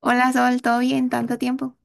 Hola Sol, ¿todo bien? ¿Tanto tiempo?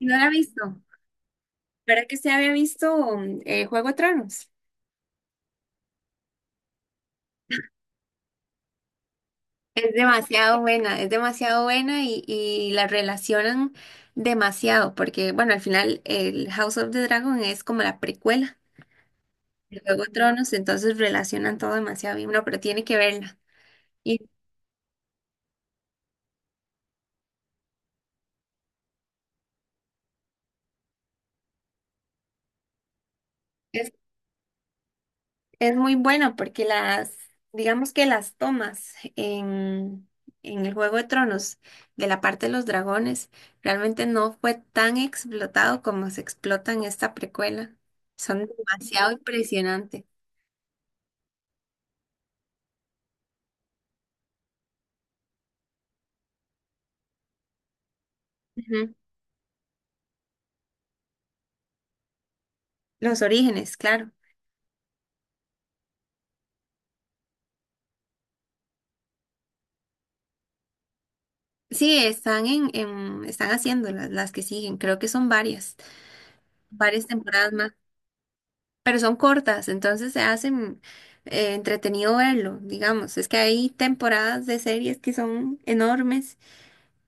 No la he visto. ¿Verdad que usted había visto Juego de Tronos? Es demasiado buena y la relacionan demasiado, porque bueno, al final el House of the Dragon es como la precuela de Juego de Tronos, entonces relacionan todo demasiado bien, no, pero tiene que verla. Y es Es muy bueno porque digamos que las tomas en el Juego de Tronos de la parte de los dragones realmente no fue tan explotado como se explota en esta precuela. Son demasiado impresionantes. Ujú. Los orígenes, claro. Sí, están están haciendo las que siguen. Creo que son varias temporadas más, pero son cortas, entonces se hacen entretenido verlo, digamos. Es que hay temporadas de series que son enormes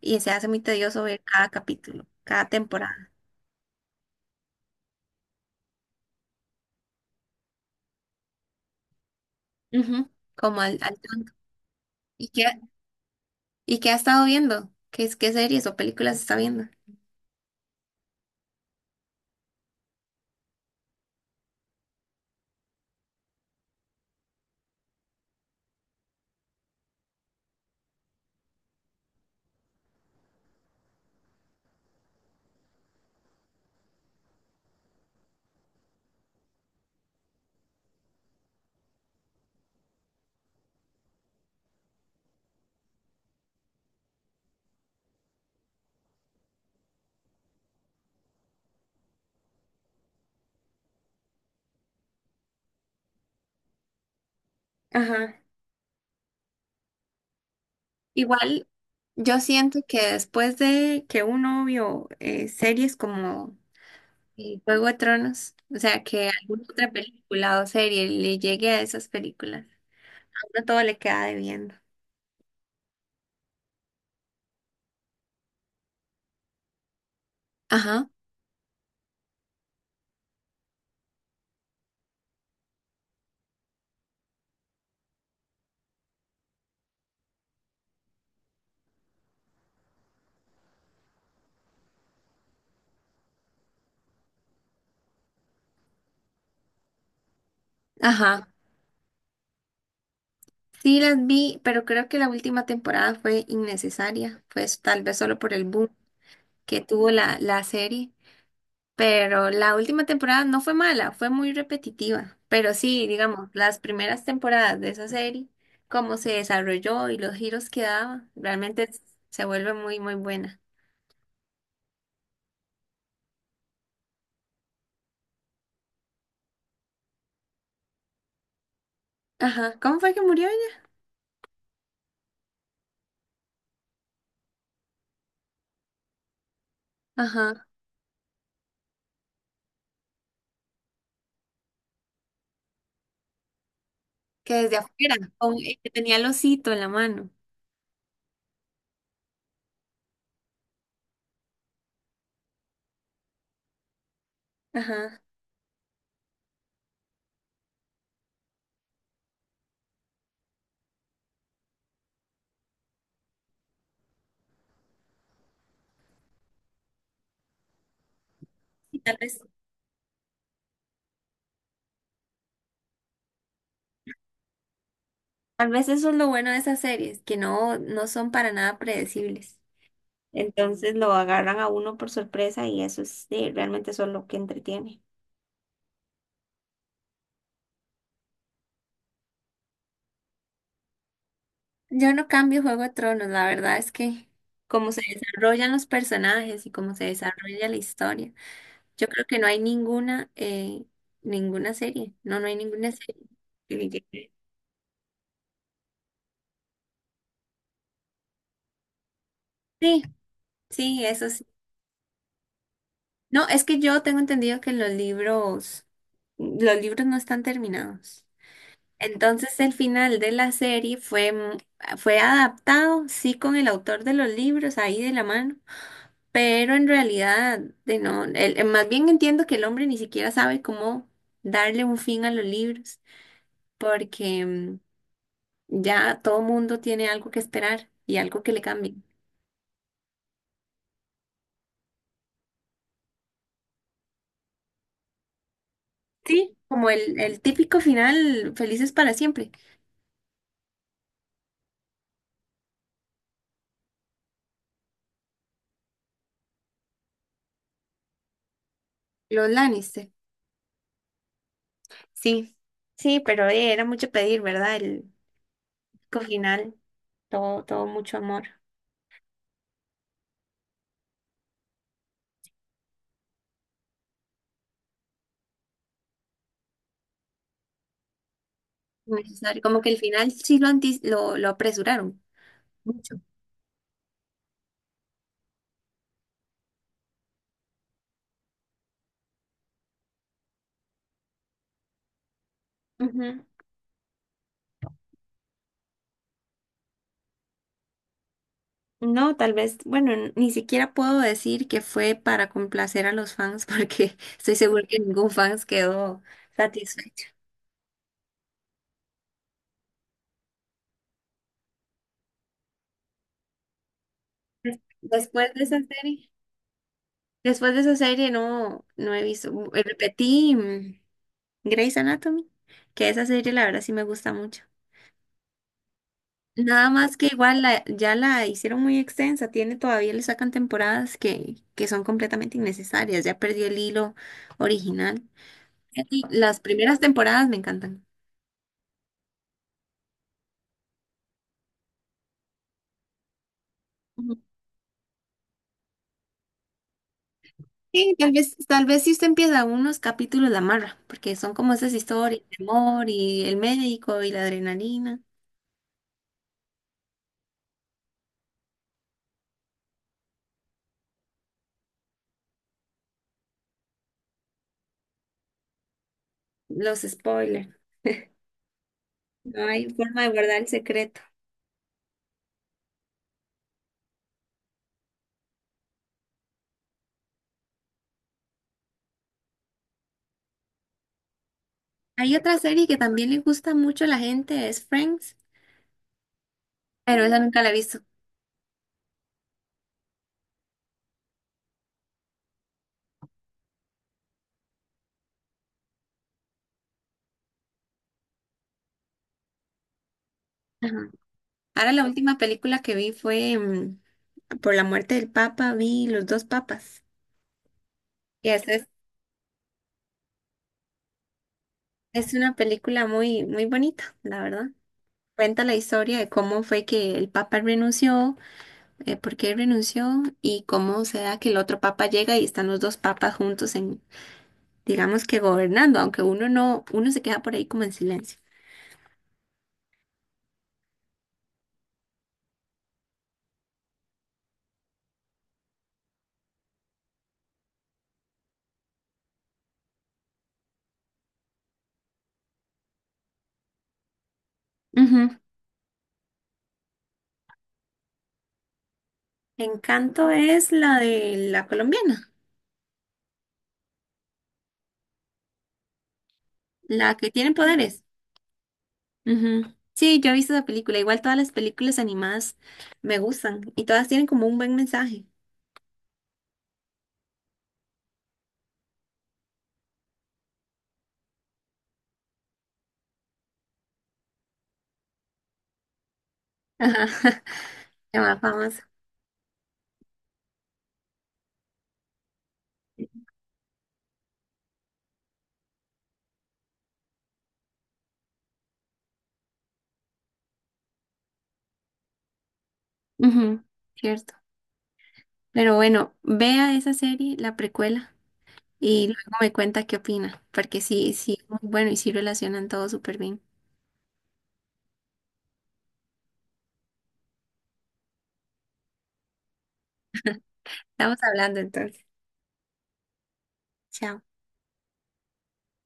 y se hace muy tedioso ver cada capítulo, cada temporada. Ujú. Como al tanto. ¿Y qué, y qué ha estado viendo? ¿Qué, qué series o películas está viendo? Ajá. Igual, yo siento que después de que uno vio series como Juego de Tronos, o sea, que alguna otra película o serie le llegue a esas películas, a uno todo le queda debiendo. Ajá, ajá. Sí las vi, pero creo que la última temporada fue innecesaria, pues tal vez solo por el boom que tuvo la serie, pero la última temporada no fue mala, fue muy repetitiva, pero sí, digamos, las primeras temporadas de esa serie, cómo se desarrolló y los giros que daba, realmente se vuelve muy, muy buena. Ajá, ¿cómo fue que murió ella? Ajá, que desde afuera, que tenía el osito en la mano. Ajá, y tal vez eso es lo bueno de esas series, que no, no son para nada predecibles. Entonces lo agarran a uno por sorpresa y eso es, sí, realmente eso es lo que entretiene. Yo no cambio Juego de Tronos, la verdad es que cómo se desarrollan los personajes y cómo se desarrolla la historia. Yo creo que no hay ninguna serie. No, no hay ninguna serie que le llegue. Sí, sí, eso sí. No, es que yo tengo entendido que los libros no están terminados. Entonces el final de la serie fue, fue adaptado, sí, con el autor de los libros ahí de la mano. Pero en realidad, de no, más bien entiendo que el hombre ni siquiera sabe cómo darle un fin a los libros, porque ya todo mundo tiene algo que esperar y algo que le cambie. Sí, como el típico final, felices para siempre, los Lannister. Sí, sí, pero era mucho pedir, ¿verdad? El típico final, todo, todo mucho amor necesario. Como que el final sí lo, lo apresuraron. Mucho. No, tal vez, bueno, ni siquiera puedo decir que fue para complacer a los fans porque estoy seguro que ningún fans quedó satisfecho. Después de esa serie, después de esa serie no, no he visto, repetí Grey's Anatomy, que esa serie la verdad sí me gusta mucho. Nada más que igual ya la hicieron muy extensa, tiene todavía le sacan temporadas que son completamente innecesarias, ya perdió el hilo original. Sí, las primeras temporadas me encantan. Sí, tal vez si usted empieza unos capítulos la amarra, porque son como esas historias, el amor y el médico y la adrenalina, los spoilers. No hay forma de guardar el secreto. Hay otra serie que también le gusta mucho a la gente, es Friends, pero esa nunca la he visto. Ajá. Ahora la última película que vi fue, por la muerte del Papa, vi Los dos Papas. Y esa es una película muy, muy bonita, la verdad. Cuenta la historia de cómo fue que el Papa renunció, por qué renunció y cómo se da que el otro papa llega y están los dos papas juntos en, digamos que gobernando, aunque uno no, uno se queda por ahí como en silencio. Ujú. Encanto es la de la colombiana, la que tiene poderes. Ujú. Sí, yo he visto esa película. Igual todas las películas animadas me gustan y todas tienen como un buen mensaje. Ajá. La más famosa. Ujú, cierto. Pero bueno, vea esa serie, la precuela, y luego me cuenta qué opina, porque sí, sí, es muy bueno y sí relacionan todo súper bien. Estamos hablando entonces. Chao.